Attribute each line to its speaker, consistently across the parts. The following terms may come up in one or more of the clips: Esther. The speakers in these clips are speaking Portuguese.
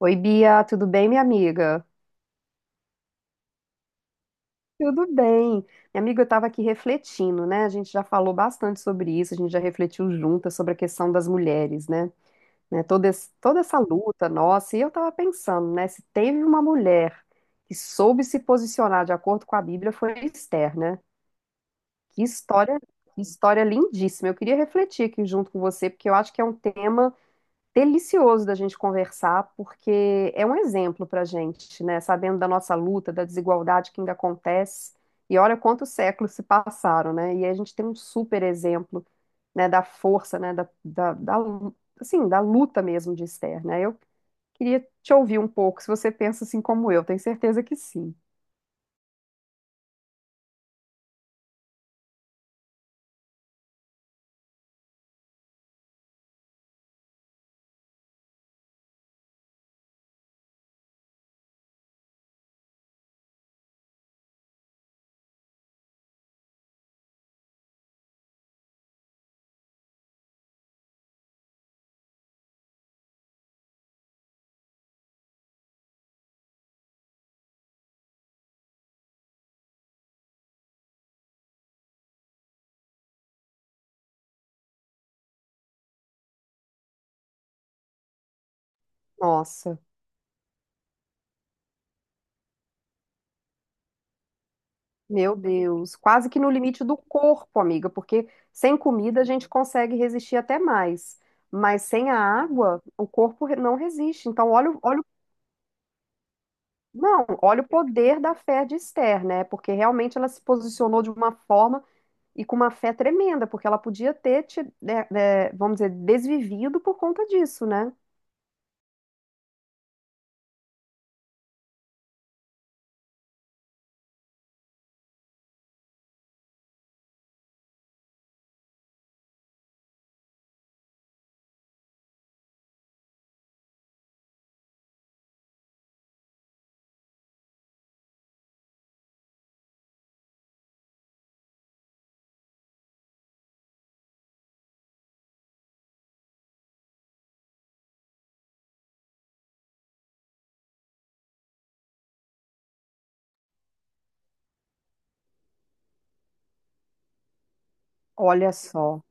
Speaker 1: Oi, Bia, tudo bem, minha amiga? Tudo bem. Minha amiga, eu estava aqui refletindo, né? A gente já falou bastante sobre isso, a gente já refletiu juntas sobre a questão das mulheres, né? Né, Toda, toda essa luta nossa, e eu estava pensando, né? Se teve uma mulher que soube se posicionar de acordo com a Bíblia, foi Esther, né? Que história, que história lindíssima. Eu queria refletir aqui junto com você, porque eu acho que é um tema delicioso da gente conversar, porque é um exemplo para a gente, né? Sabendo da nossa luta, da desigualdade que ainda acontece. E olha quantos séculos se passaram, né? E a gente tem um super exemplo, né, da força, né, assim, da luta mesmo de Esther, né? Eu queria te ouvir um pouco, se você pensa assim como eu, tenho certeza que sim. Nossa. Meu Deus, quase que no limite do corpo, amiga, porque sem comida a gente consegue resistir até mais, mas sem a água o corpo não resiste. Então, olha, olha, não, olha o poder da fé de Esther, né? Porque realmente ela se posicionou de uma forma e com uma fé tremenda, porque ela podia ter, vamos dizer, desvivido por conta disso, né? Olha só.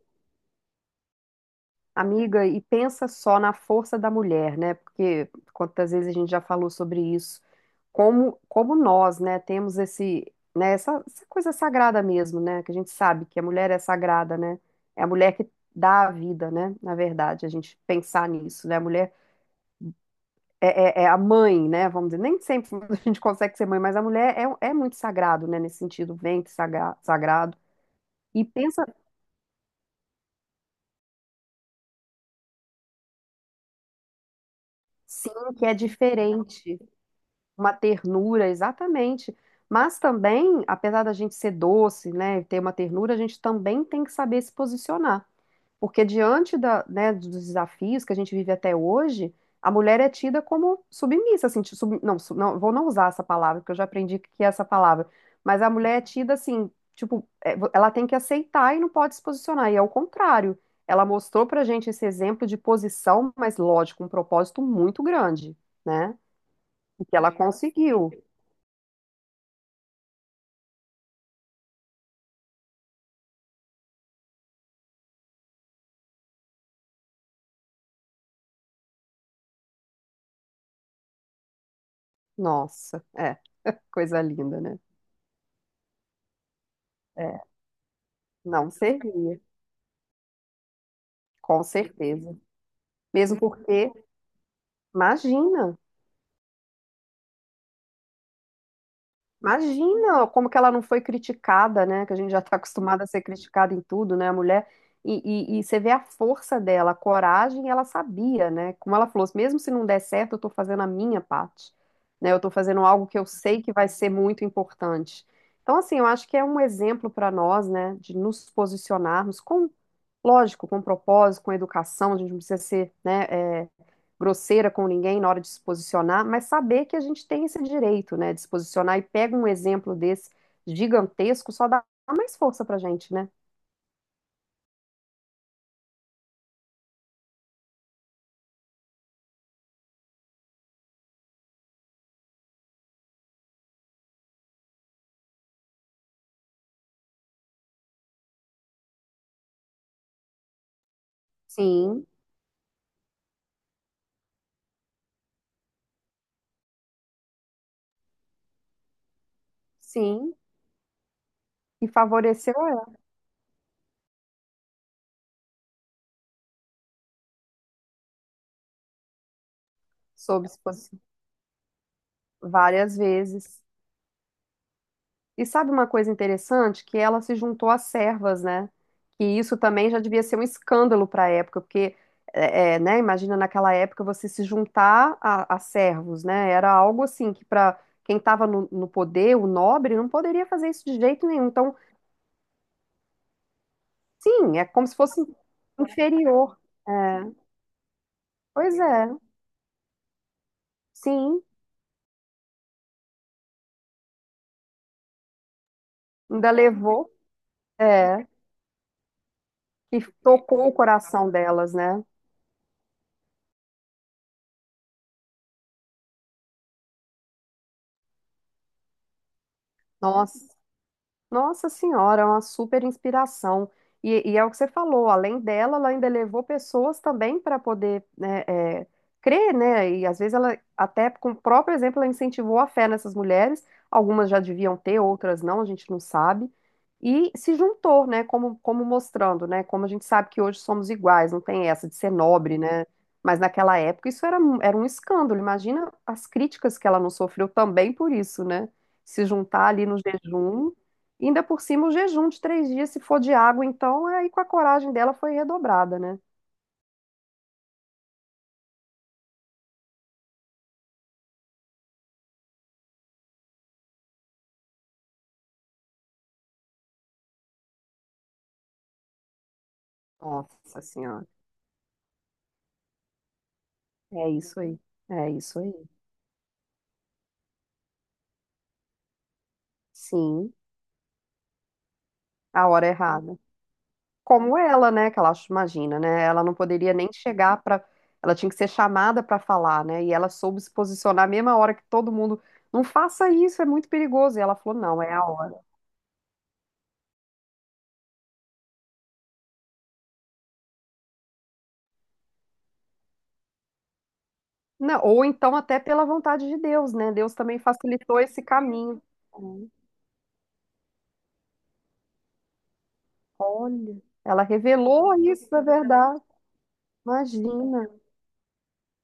Speaker 1: Amiga, e pensa só na força da mulher, né? Porque quantas vezes a gente já falou sobre isso como, como nós, né, temos esse, né, essa coisa sagrada mesmo, né, que a gente sabe que a mulher é sagrada, né, é a mulher que dá a vida, né, na verdade, a gente pensar nisso, né, a mulher é a mãe, né, vamos dizer, nem sempre a gente consegue ser mãe, mas a mulher é muito sagrado, né, nesse sentido, ventre sagrado, e pensa, sim, que é diferente, uma ternura, exatamente, mas também, apesar da gente ser doce, né, e ter uma ternura, a gente também tem que saber se posicionar. Porque diante da, né, dos desafios que a gente vive até hoje, a mulher é tida como submissa, assim, não, não, vou não usar essa palavra, porque eu já aprendi que é essa palavra, mas a mulher é tida assim, tipo, é, ela tem que aceitar e não pode se posicionar, e é o contrário. Ela mostrou pra gente esse exemplo de posição, mas lógico, um propósito muito grande, né? E que ela conseguiu. Nossa, é, coisa linda, né? É, não servia, com certeza. Mesmo porque, imagina. Imagina como que ela não foi criticada, né? Que a gente já está acostumada a ser criticada em tudo, né? A mulher. E você vê a força dela, a coragem, ela sabia, né? Como ela falou, mesmo se não der certo, eu estou fazendo a minha parte, né? Eu estou fazendo algo que eu sei que vai ser muito importante. Então, assim, eu acho que é um exemplo para nós, né? De nos posicionarmos com, lógico, com propósito, com educação, a gente não precisa ser, né, grosseira com ninguém na hora de se posicionar, mas saber que a gente tem esse direito, né, de se posicionar e pega um exemplo desse gigantesco, só dá mais força pra gente, né? Sim, sim. E favoreceu ela, soube se posicionar várias vezes. E sabe uma coisa interessante? Que ela se juntou às servas, né? Que isso também já devia ser um escândalo para a época, porque, né? Imagina naquela época você se juntar a servos, né? Era algo assim que para quem estava no poder, o nobre, não poderia fazer isso de jeito nenhum. Então, sim, é como se fosse inferior. É, pois é, sim, ainda levou, é, e tocou o coração delas, né? Nossa. Nossa Senhora, é uma super inspiração. E é o que você falou, além dela, ela ainda levou pessoas também para poder né, é, crer, né? E às vezes ela, até com o próprio exemplo, ela incentivou a fé nessas mulheres. Algumas já deviam ter, outras não, a gente não sabe. E se juntou, né? Como, como mostrando, né? Como a gente sabe que hoje somos iguais, não tem essa de ser nobre, né? Mas naquela época isso era, era um escândalo. Imagina as críticas que ela não sofreu também por isso, né? Se juntar ali no jejum. E ainda por cima, o jejum de 3 dias, se for de água, então, aí com a coragem dela foi redobrada, né? Nossa Senhora. É isso aí. É isso aí. Sim, a hora errada. Como ela, né? Que ela imagina, né? Ela não poderia nem chegar para. Ela tinha que ser chamada para falar, né? E ela soube se posicionar a mesma hora que todo mundo. Não faça isso, é muito perigoso. E ela falou: não, é a hora. Não, ou então, até pela vontade de Deus, né? Deus também facilitou esse caminho. Olha, ela revelou isso, é verdade. Imagina.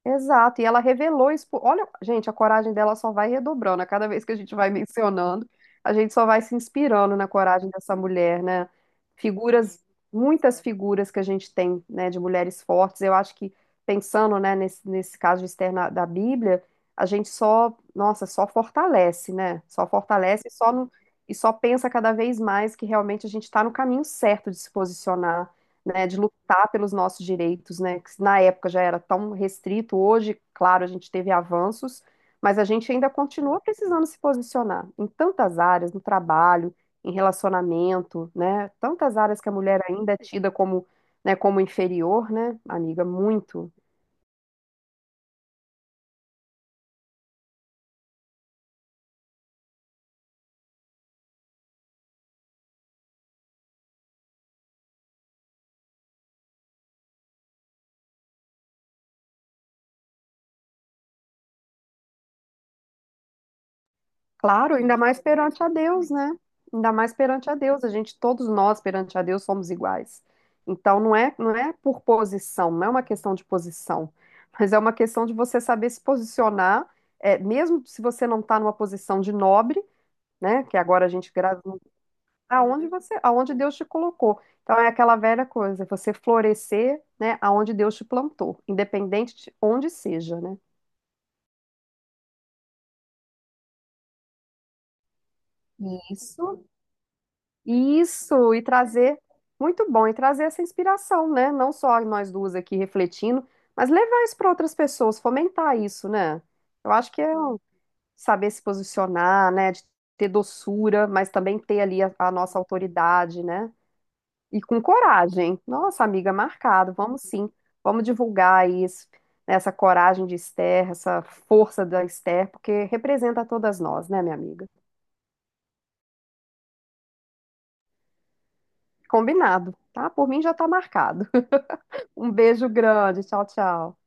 Speaker 1: Exato. E ela revelou isso. Olha, gente, a coragem dela só vai redobrando. A cada vez que a gente vai mencionando, a gente só vai se inspirando na coragem dessa mulher, né? Figuras, muitas figuras que a gente tem, né, de mulheres fortes. Eu acho que, pensando, né, nesse caso externo da Bíblia, a gente só, nossa, só fortalece, né? Só fortalece e só, e só pensa cada vez mais que realmente a gente está no caminho certo de se posicionar né, de lutar pelos nossos direitos, né, que na época já era tão restrito, hoje, claro, a gente teve avanços, mas a gente ainda continua precisando se posicionar em tantas áreas, no trabalho, em relacionamento, né, tantas áreas que a mulher ainda é tida como, né, como inferior, né, amiga, muito. Claro, ainda mais perante a Deus, né? Ainda mais perante a Deus. A gente, todos nós perante a Deus somos iguais. Então não é, não é por posição, não é uma questão de posição, mas é uma questão de você saber se posicionar, é, mesmo se você não está numa posição de nobre, né? Que agora a gente grava aonde você, aonde Deus te colocou. Então é aquela velha coisa, você florescer, né? Aonde Deus te plantou, independente de onde seja, né? Isso. Isso, e trazer, muito bom, e trazer essa inspiração, né? Não só nós duas aqui refletindo, mas levar isso para outras pessoas, fomentar isso, né? Eu acho que é um saber se posicionar, né? De ter doçura, mas também ter ali a nossa autoridade, né? E com coragem. Nossa, amiga, marcado, vamos sim, vamos divulgar isso, né? Essa coragem de Esther, essa força da Esther, porque representa todas nós, né, minha amiga? Combinado, tá? Por mim já tá marcado. Um beijo grande. Tchau, tchau.